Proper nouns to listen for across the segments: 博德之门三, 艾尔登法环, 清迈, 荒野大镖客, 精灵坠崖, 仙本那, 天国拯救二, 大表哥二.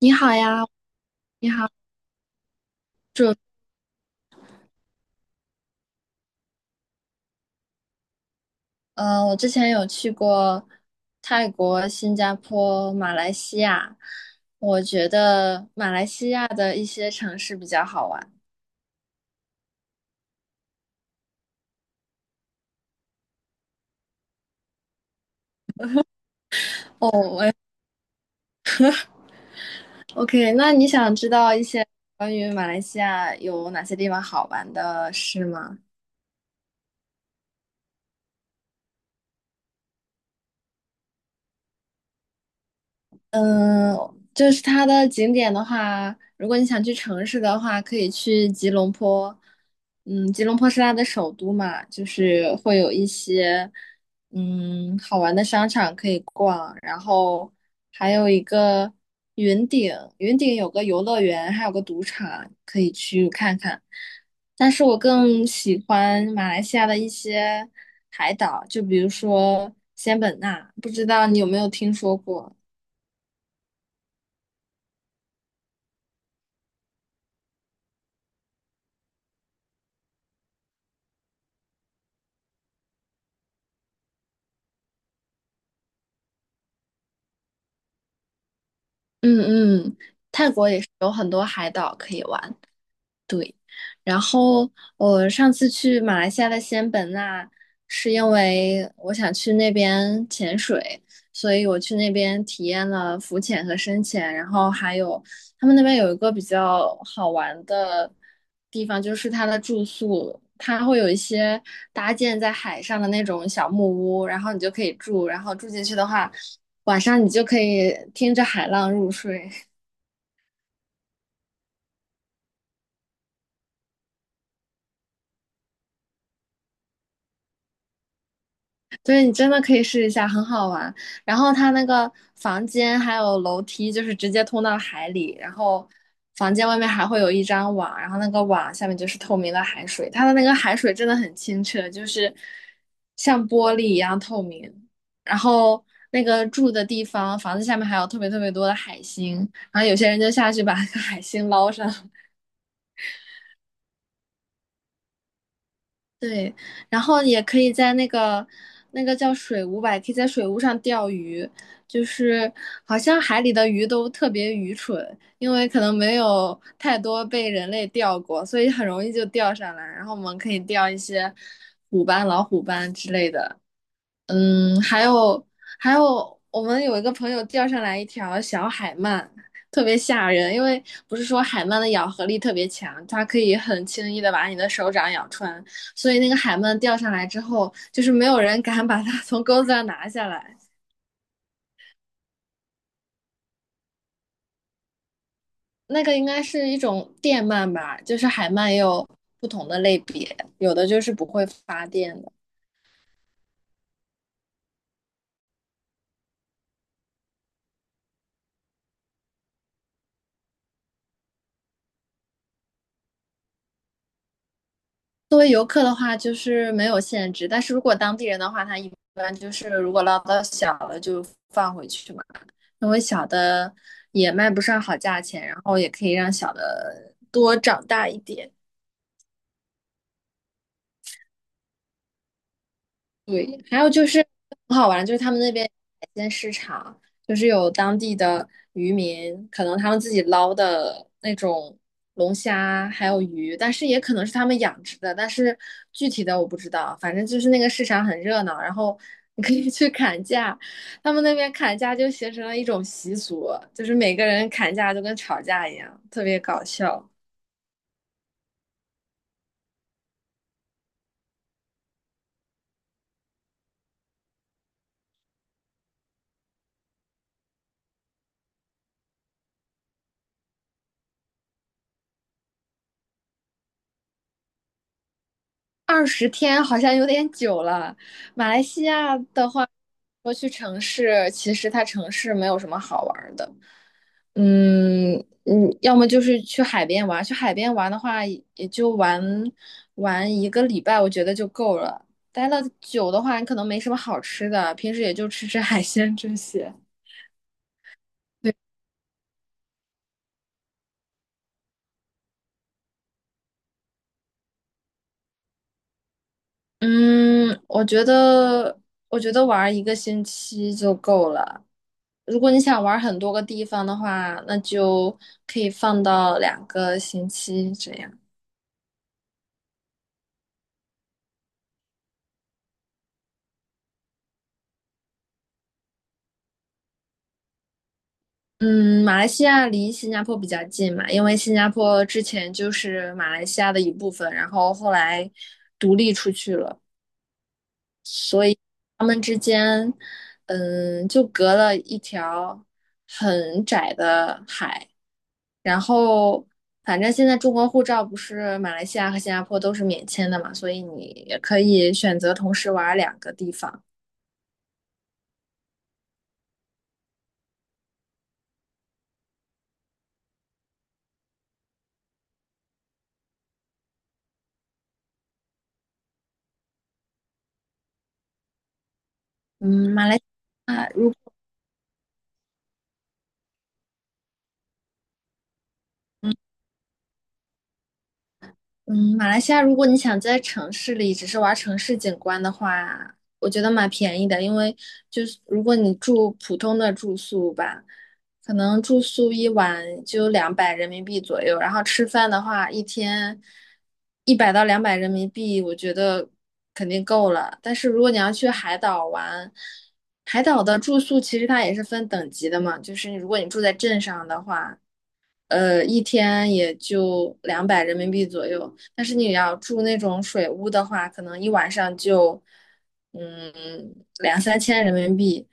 你好呀，你好，祝我之前有去过泰国、新加坡、马来西亚，我觉得马来西亚的一些城市比较好玩。哦，OK，那你想知道一些关于马来西亚有哪些地方好玩的事吗？嗯，就是它的景点的话，如果你想去城市的话，可以去吉隆坡。吉隆坡是它的首都嘛，就是会有一些好玩的商场可以逛，然后还有一个云顶，云顶有个游乐园，还有个赌场可以去看看。但是我更喜欢马来西亚的一些海岛，就比如说仙本那，不知道你有没有听说过？嗯嗯，泰国也是有很多海岛可以玩。然后我上次去马来西亚的仙本那，是因为我想去那边潜水，所以我去那边体验了浮潜和深潜。然后还有他们那边有一个比较好玩的地方，就是它的住宿，它会有一些搭建在海上的那种小木屋，然后你就可以住，然后住进去的话，晚上你就可以听着海浪入睡。对，你真的可以试一下，很好玩。然后它那个房间还有楼梯，就是直接通到海里。然后房间外面还会有一张网，然后那个网下面就是透明的海水，它的那个海水真的很清澈，就是像玻璃一样透明。然后那个住的地方，房子下面还有特别特别多的海星，然后有些人就下去把那个海星捞上。对，然后也可以在那个叫水屋吧，也可以在水屋上钓鱼。就是好像海里的鱼都特别愚蠢，因为可能没有太多被人类钓过，所以很容易就钓上来。然后我们可以钓一些虎斑、老虎斑之类的。嗯，还有，我们有一个朋友钓上来一条小海鳗，特别吓人，因为不是说海鳗的咬合力特别强，它可以很轻易的把你的手掌咬穿，所以那个海鳗钓上来之后，就是没有人敢把它 从钩子上拿下来。那个应该是一种电鳗吧，就是海鳗也有不同的类别，有的就是不会发电的。作为游客的话，就是没有限制，但是如果当地人的话，他一般就是如果捞到小的就放回去嘛，因为小的也卖不上好价钱，然后也可以让小的多长大一点。对，还有就是很好玩，就是他们那边海鲜市场，就是有当地的渔民，可能他们自己捞的那种龙虾还有鱼，但是也可能是他们养殖的，但是具体的我不知道。反正就是那个市场很热闹，然后你可以去砍价，他们那边砍价就形成了一种习俗，就是每个人砍价就跟吵架一样，特别搞笑。20天好像有点久了。马来西亚的话，说去城市，其实它城市没有什么好玩儿的。嗯要么就是去海边玩，去海边玩的话，也就玩一个礼拜，我觉得就够了。待的久的话，你可能没什么好吃的，平时也就吃吃海鲜这些。对，嗯，我觉得我觉得玩一个星期就够了。如果你想玩很多个地方的话，那就可以放到2个星期这样。嗯，马来西亚离新加坡比较近嘛，因为新加坡之前就是马来西亚的一部分，然后后来独立出去了。所以他们之间，就隔了一条很窄的海。然后，反正现在中国护照不是马来西亚和新加坡都是免签的嘛，所以你也可以选择同时玩两个地方。嗯，马来啊，亚如嗯，马来西亚如果你想在城市里只是玩城市景观的话，我觉得蛮便宜的，因为就是如果你住普通的住宿吧，可能住宿一晚就两百人民币左右，然后吃饭的话一天100到200人民币，我觉得肯定够了。但是如果你要去海岛玩，海岛的住宿其实它也是分等级的嘛，就是如果你住在镇上的话。一天也就两百人民币左右。但是你要住那种水屋的话，可能一晚上就，嗯，两三千人民币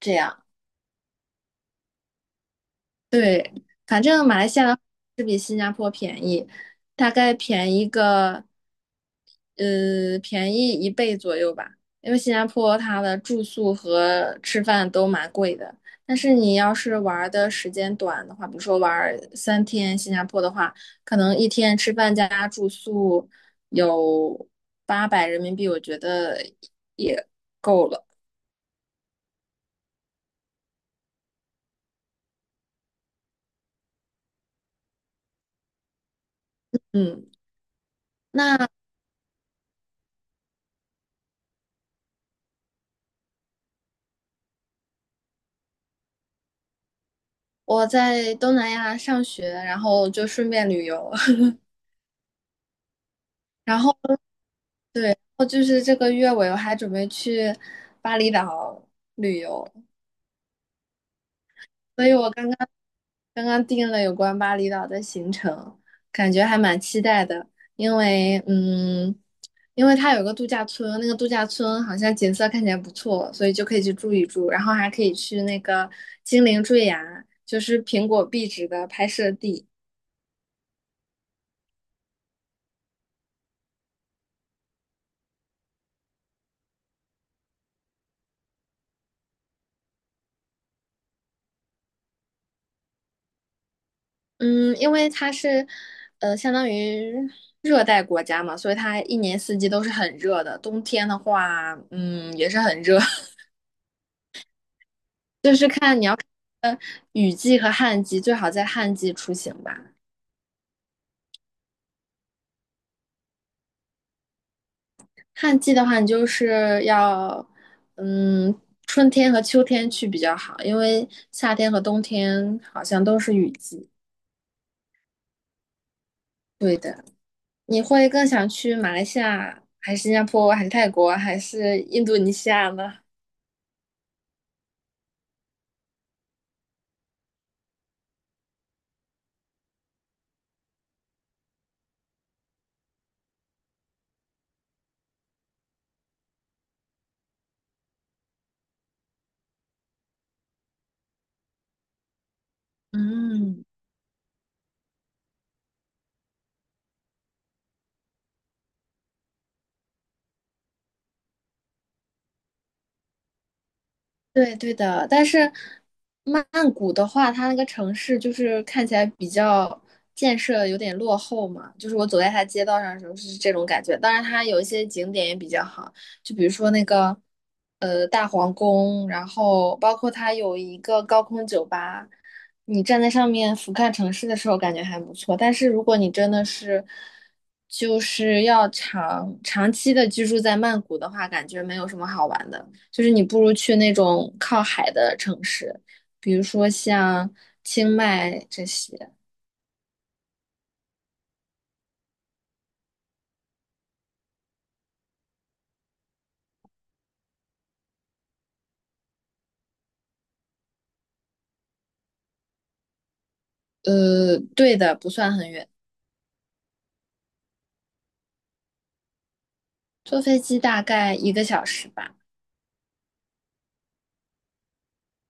这样。对，反正马来西亚的大概便宜个，便宜一倍左右吧。因为新加坡它的住宿和吃饭都蛮贵的，但是你要是玩的时间短的话，比如说玩3天新加坡的话，可能一天吃饭加住宿有800人民币，我觉得也够了。嗯，那我在东南亚上学，然后就顺便旅游，然后。对，然后就是这个月尾我还准备去巴厘岛旅游，所以我刚刚定了有关巴厘岛的行程，感觉还蛮期待的。因为嗯，因为它有个度假村，那个度假村好像景色看起来不错，所以就可以去住一住，然后还可以去那个精灵坠崖，就是苹果壁纸的拍摄地。嗯，因为它是，相当于热带国家嘛，所以它一年四季都是很热的。冬天的话，嗯，也是很热，就是看你要看呃雨季和旱季，最好在旱季出行吧。旱季的话，你就是要，嗯，春天和秋天去比较好，因为夏天和冬天好像都是雨季。对的，你会更想去马来西亚，还是新加坡，还是泰国，还是印度尼西亚呢？嗯。对对的，但是曼谷的话，它那个城市就是看起来比较建设有点落后嘛，就是我走在它街道上的时候是这种感觉。当然，它有一些景点也比较好，就比如说那个大皇宫，然后包括它有一个高空酒吧，你站在上面俯瞰城市的时候，感觉还不错。但是如果你真的是就是要长期的居住在曼谷的话，感觉没有什么好玩的。就是你不如去那种靠海的城市，比如说像清迈这些。对的，不算很远，坐飞机大概一个小时吧。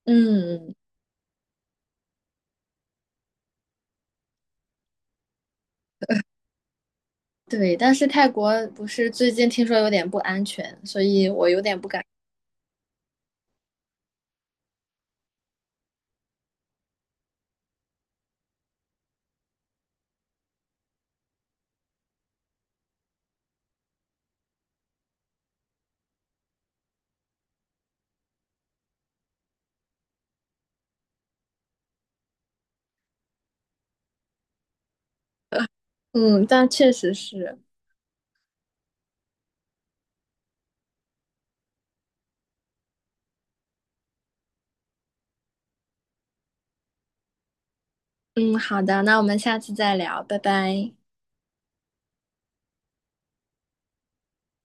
嗯，对。但是泰国不是最近听说有点不安全，所以我有点不敢。嗯，但确实是。嗯，好的，那我们下次再聊，拜拜。